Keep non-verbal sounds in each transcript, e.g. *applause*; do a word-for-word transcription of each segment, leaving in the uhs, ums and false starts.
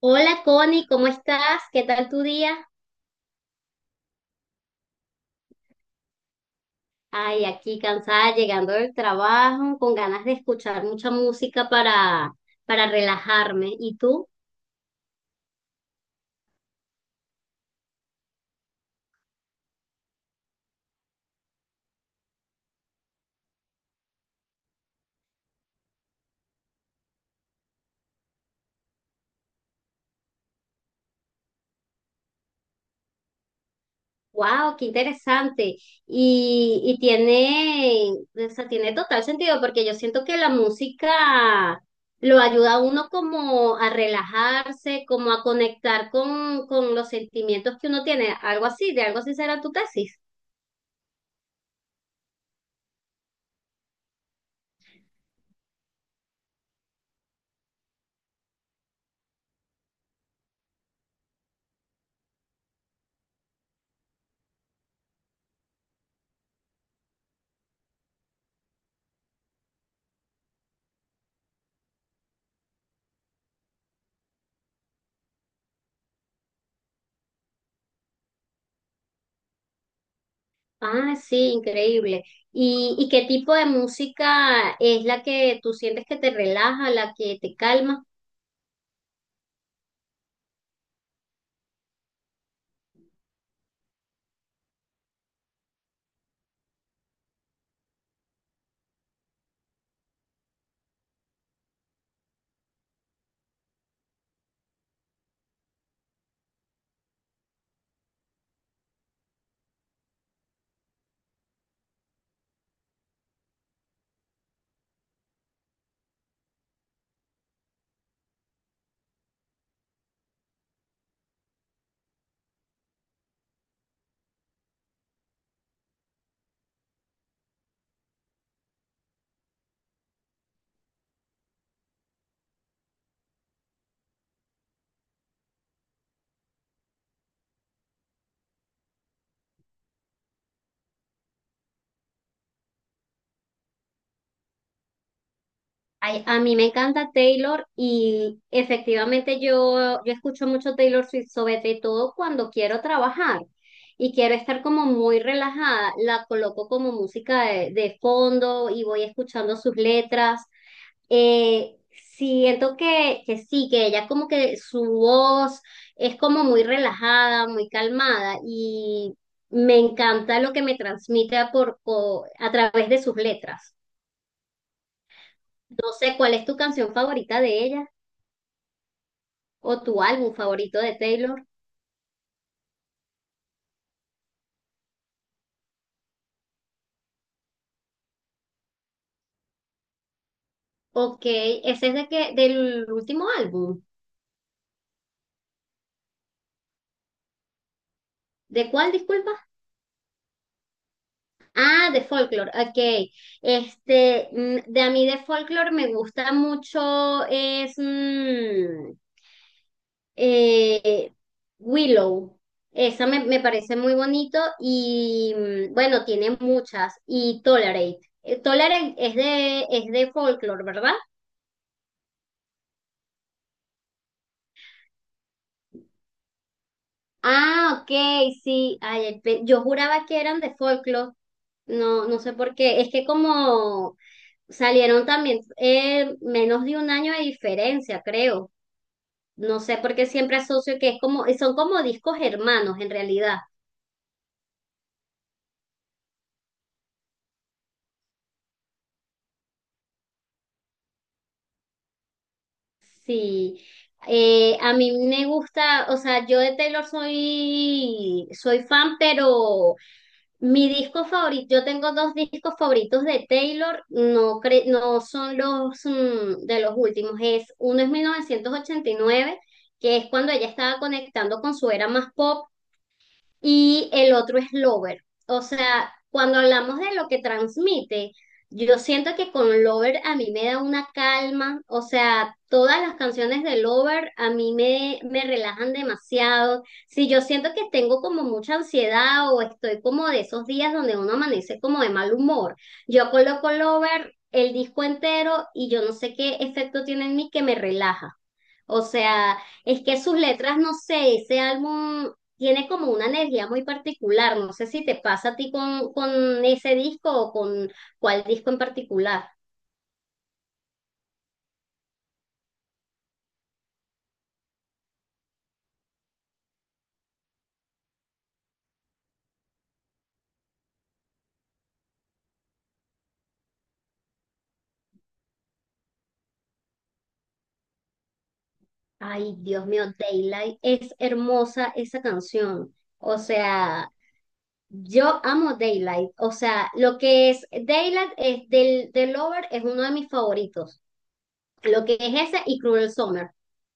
Hola Connie, ¿cómo estás? ¿Qué tal tu día? Ay, aquí cansada, llegando del trabajo, con ganas de escuchar mucha música para, para relajarme. ¿Y tú? ¡Wow! ¡Qué interesante! Y, y tiene, o sea, tiene total sentido porque yo siento que la música lo ayuda a uno como a relajarse, como a conectar con, con los sentimientos que uno tiene. Algo así, de algo así será tu tesis. Ah, sí, increíble. ¿Y, y qué tipo de música es la que tú sientes que te relaja, la que te calma? Ay, a mí me encanta Taylor y efectivamente yo, yo escucho mucho Taylor Swift, sobre todo cuando quiero trabajar y quiero estar como muy relajada. La coloco como música de, de fondo y voy escuchando sus letras. Eh, Siento que, que sí, que ella como que su voz es como muy relajada, muy calmada y me encanta lo que me transmite a, por, co- a través de sus letras. No sé cuál es tu canción favorita de ella o tu álbum favorito de Taylor. Ok, ese es de que, del último álbum. ¿De cuál, disculpa? Ah, de Folklore, ok. Este, mm, de a mí de Folklore me gusta mucho, es mm, Eh, Willow, esa me, me parece muy bonito y mm, bueno, tiene muchas. Y Tolerate. Eh, Tolerate es de, es de folklore, ¿verdad? Ah, ok, sí. Ay, pe- yo juraba que eran de folklore. No, no sé por qué. Es que como salieron también eh, menos de un año de diferencia, creo. No sé por qué siempre asocio que es como, son como discos hermanos en realidad. Sí, eh, a mí me gusta, o sea, yo de Taylor soy, soy fan, pero mi disco favorito, yo tengo dos discos favoritos de Taylor, no, cre- no son los mm, de los últimos, es uno es mil novecientos ochenta y nueve, que es cuando ella estaba conectando con su era más pop, y el otro es Lover. O sea, cuando hablamos de lo que transmite, yo siento que con Lover a mí me da una calma, o sea, todas las canciones de Lover a mí me, me relajan demasiado. Si yo siento que tengo como mucha ansiedad o estoy como de esos días donde uno amanece como de mal humor, yo coloco Lover, el disco entero y yo no sé qué efecto tiene en mí que me relaja. O sea, es que sus letras, no sé, ese álbum tiene como una energía muy particular. No sé si te pasa a ti con, con ese disco o con cuál disco en particular. Ay, Dios mío, Daylight es hermosa esa canción. O sea, yo amo Daylight. O sea, lo que es Daylight es del, del Lover es uno de mis favoritos. Lo que es ese y Cruel Summer.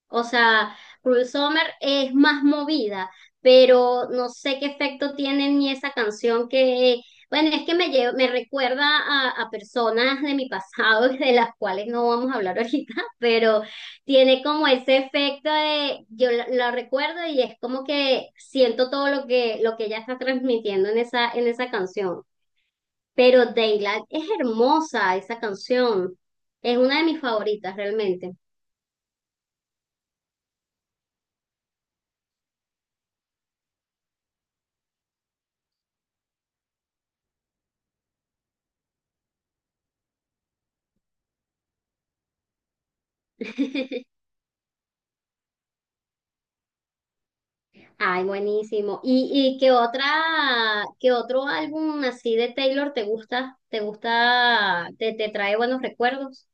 O sea, Cruel Summer es más movida, pero no sé qué efecto tiene ni esa canción que, bueno, es que me lle- me recuerda a, a personas de mi pasado, *laughs* de las cuales no vamos a hablar ahorita, *laughs* pero tiene como ese efecto de, yo la, la recuerdo y es como que siento todo lo que, lo que ella está transmitiendo en esa, en esa canción. Pero Daylight es hermosa esa canción. Es una de mis favoritas realmente. *laughs* Ay, buenísimo. ¿Y, y qué otra, qué otro álbum así de Taylor te gusta? ¿Te gusta, te, te trae buenos recuerdos?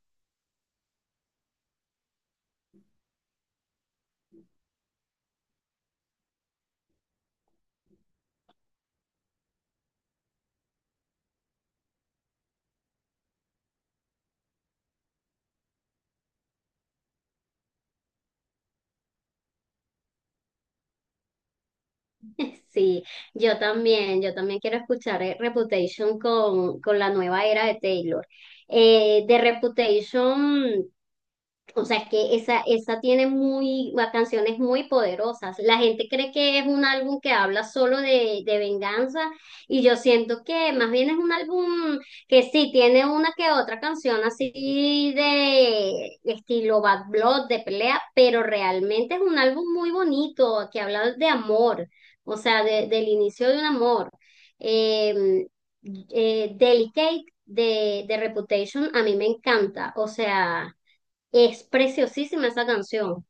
*laughs* Sí, yo también, yo también quiero escuchar eh, Reputation con, con la nueva era de Taylor. Eh, de Reputation. O sea, es que esa, esa tiene muy, la canción muy poderosas. La gente cree que es un álbum que habla solo de, de venganza y yo siento que más bien es un álbum que sí tiene una que otra canción así de estilo Bad Blood, de pelea, pero realmente es un álbum muy bonito que habla de amor, o sea, de- del inicio de un amor. Eh, eh, Delicate de, de Reputation a mí me encanta, o sea. Es preciosísima esa canción.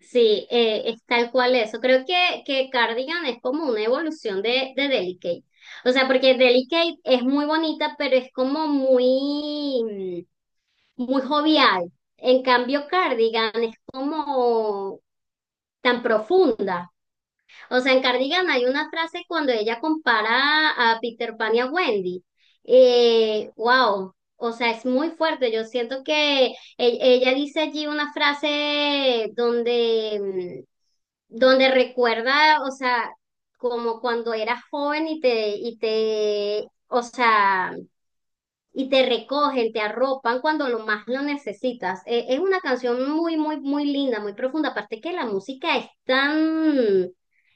Sí, eh, es tal cual eso. Creo que, que Cardigan es como una evolución de, de Delicate. O sea, porque Delicate es muy bonita, pero es como muy, mm, muy jovial. En cambio, Cardigan es como tan profunda. O sea, en Cardigan hay una frase cuando ella compara a Peter Pan y a Wendy. Eh, wow, o sea, es muy fuerte. Yo siento que e- ella dice allí una frase donde, mm, donde recuerda, o sea, como cuando eras joven y te, y te, o sea, y te recogen, te arropan cuando lo más lo necesitas. Eh, es una canción muy, muy, muy linda, muy profunda. Aparte que la música es tan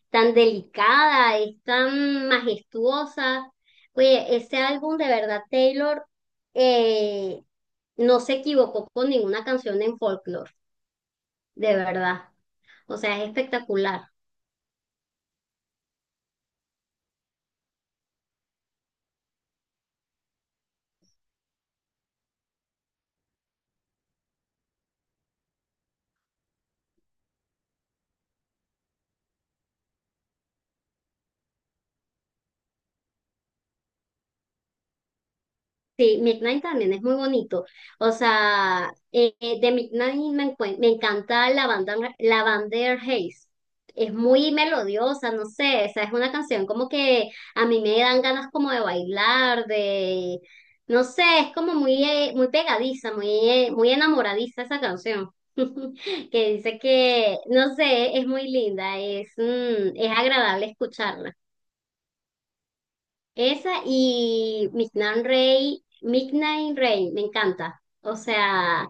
tan delicada, es tan majestuosa. Oye, ese álbum de verdad, Taylor, eh, no se equivocó con ninguna canción en folklore, de verdad. O sea, es espectacular. Sí, Midnight también es muy bonito. O sea, eh, eh, de Midnight me, encuen- me encanta la banda Lavender Haze. Es muy melodiosa, no sé, o sea, es una canción como que a mí me dan ganas como de bailar, de, no sé, es como muy, eh, muy pegadiza, muy, eh, muy enamoradiza esa canción. *laughs* Que dice que, no sé, es muy linda, es, mm, es agradable escucharla. Esa y Midnight rain Midnight Rain, me encanta. O sea,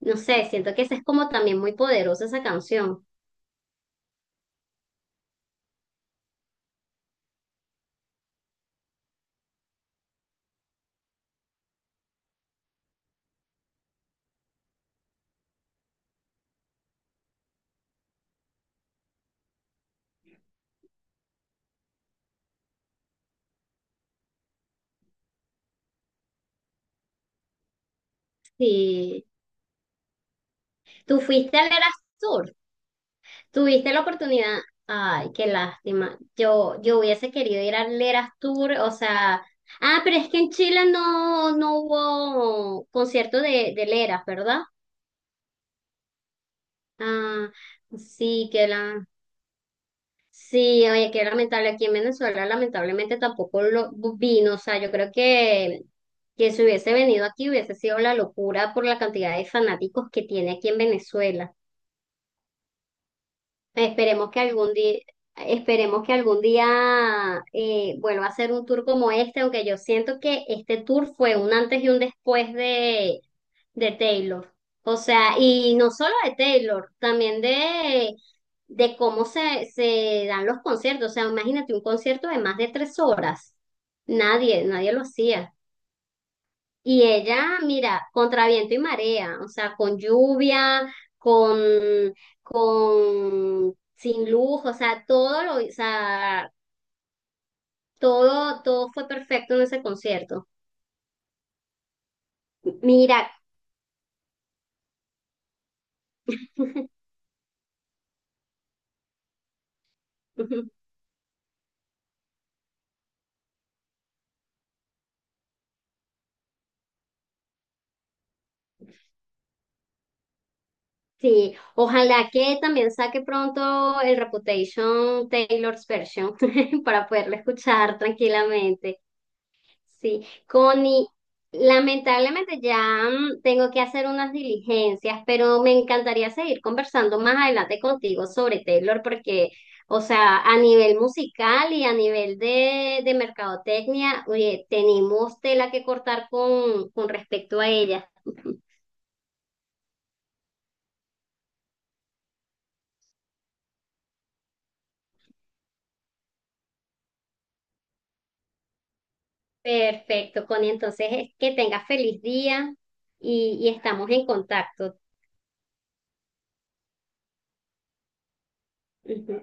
no sé, siento que esa es como también muy poderosa esa canción. Sí. Tú fuiste al Eras Tour, tuviste la oportunidad. Ay, qué lástima. Yo, yo hubiese querido ir al Eras Tour, o sea. Ah, pero es que en Chile no, no hubo concierto de, de Leras, ¿verdad? Ah, sí, que la. Sí, oye, qué lamentable. Aquí en Venezuela, lamentablemente tampoco lo vino. O sea, yo creo que, que si hubiese venido aquí hubiese sido la locura por la cantidad de fanáticos que tiene aquí en Venezuela. Esperemos que algún día, esperemos que algún día eh, vuelva a hacer un tour como este, aunque yo siento que este tour fue un antes y un después de, de Taylor. O sea, y no solo de Taylor, también de, de cómo se, se dan los conciertos. O sea, imagínate un concierto de más de tres horas. Nadie, nadie lo hacía. Y ella, mira, contra viento y marea, o sea, con lluvia, con, con, sin luz, o sea, todo lo, o sea, todo, todo fue perfecto en ese concierto. Mira, *laughs* sí, ojalá que también saque pronto el Reputation Taylor's Version *laughs* para poderlo escuchar tranquilamente. Sí, Connie, lamentablemente ya mm, tengo que hacer unas diligencias, pero me encantaría seguir conversando más adelante contigo sobre Taylor porque, o sea, a nivel musical y a nivel de, de mercadotecnia, oye, tenemos tela que cortar con, con respecto a ella. *laughs* Perfecto, Connie, entonces es que tengas feliz día y, y estamos en contacto. Ujú.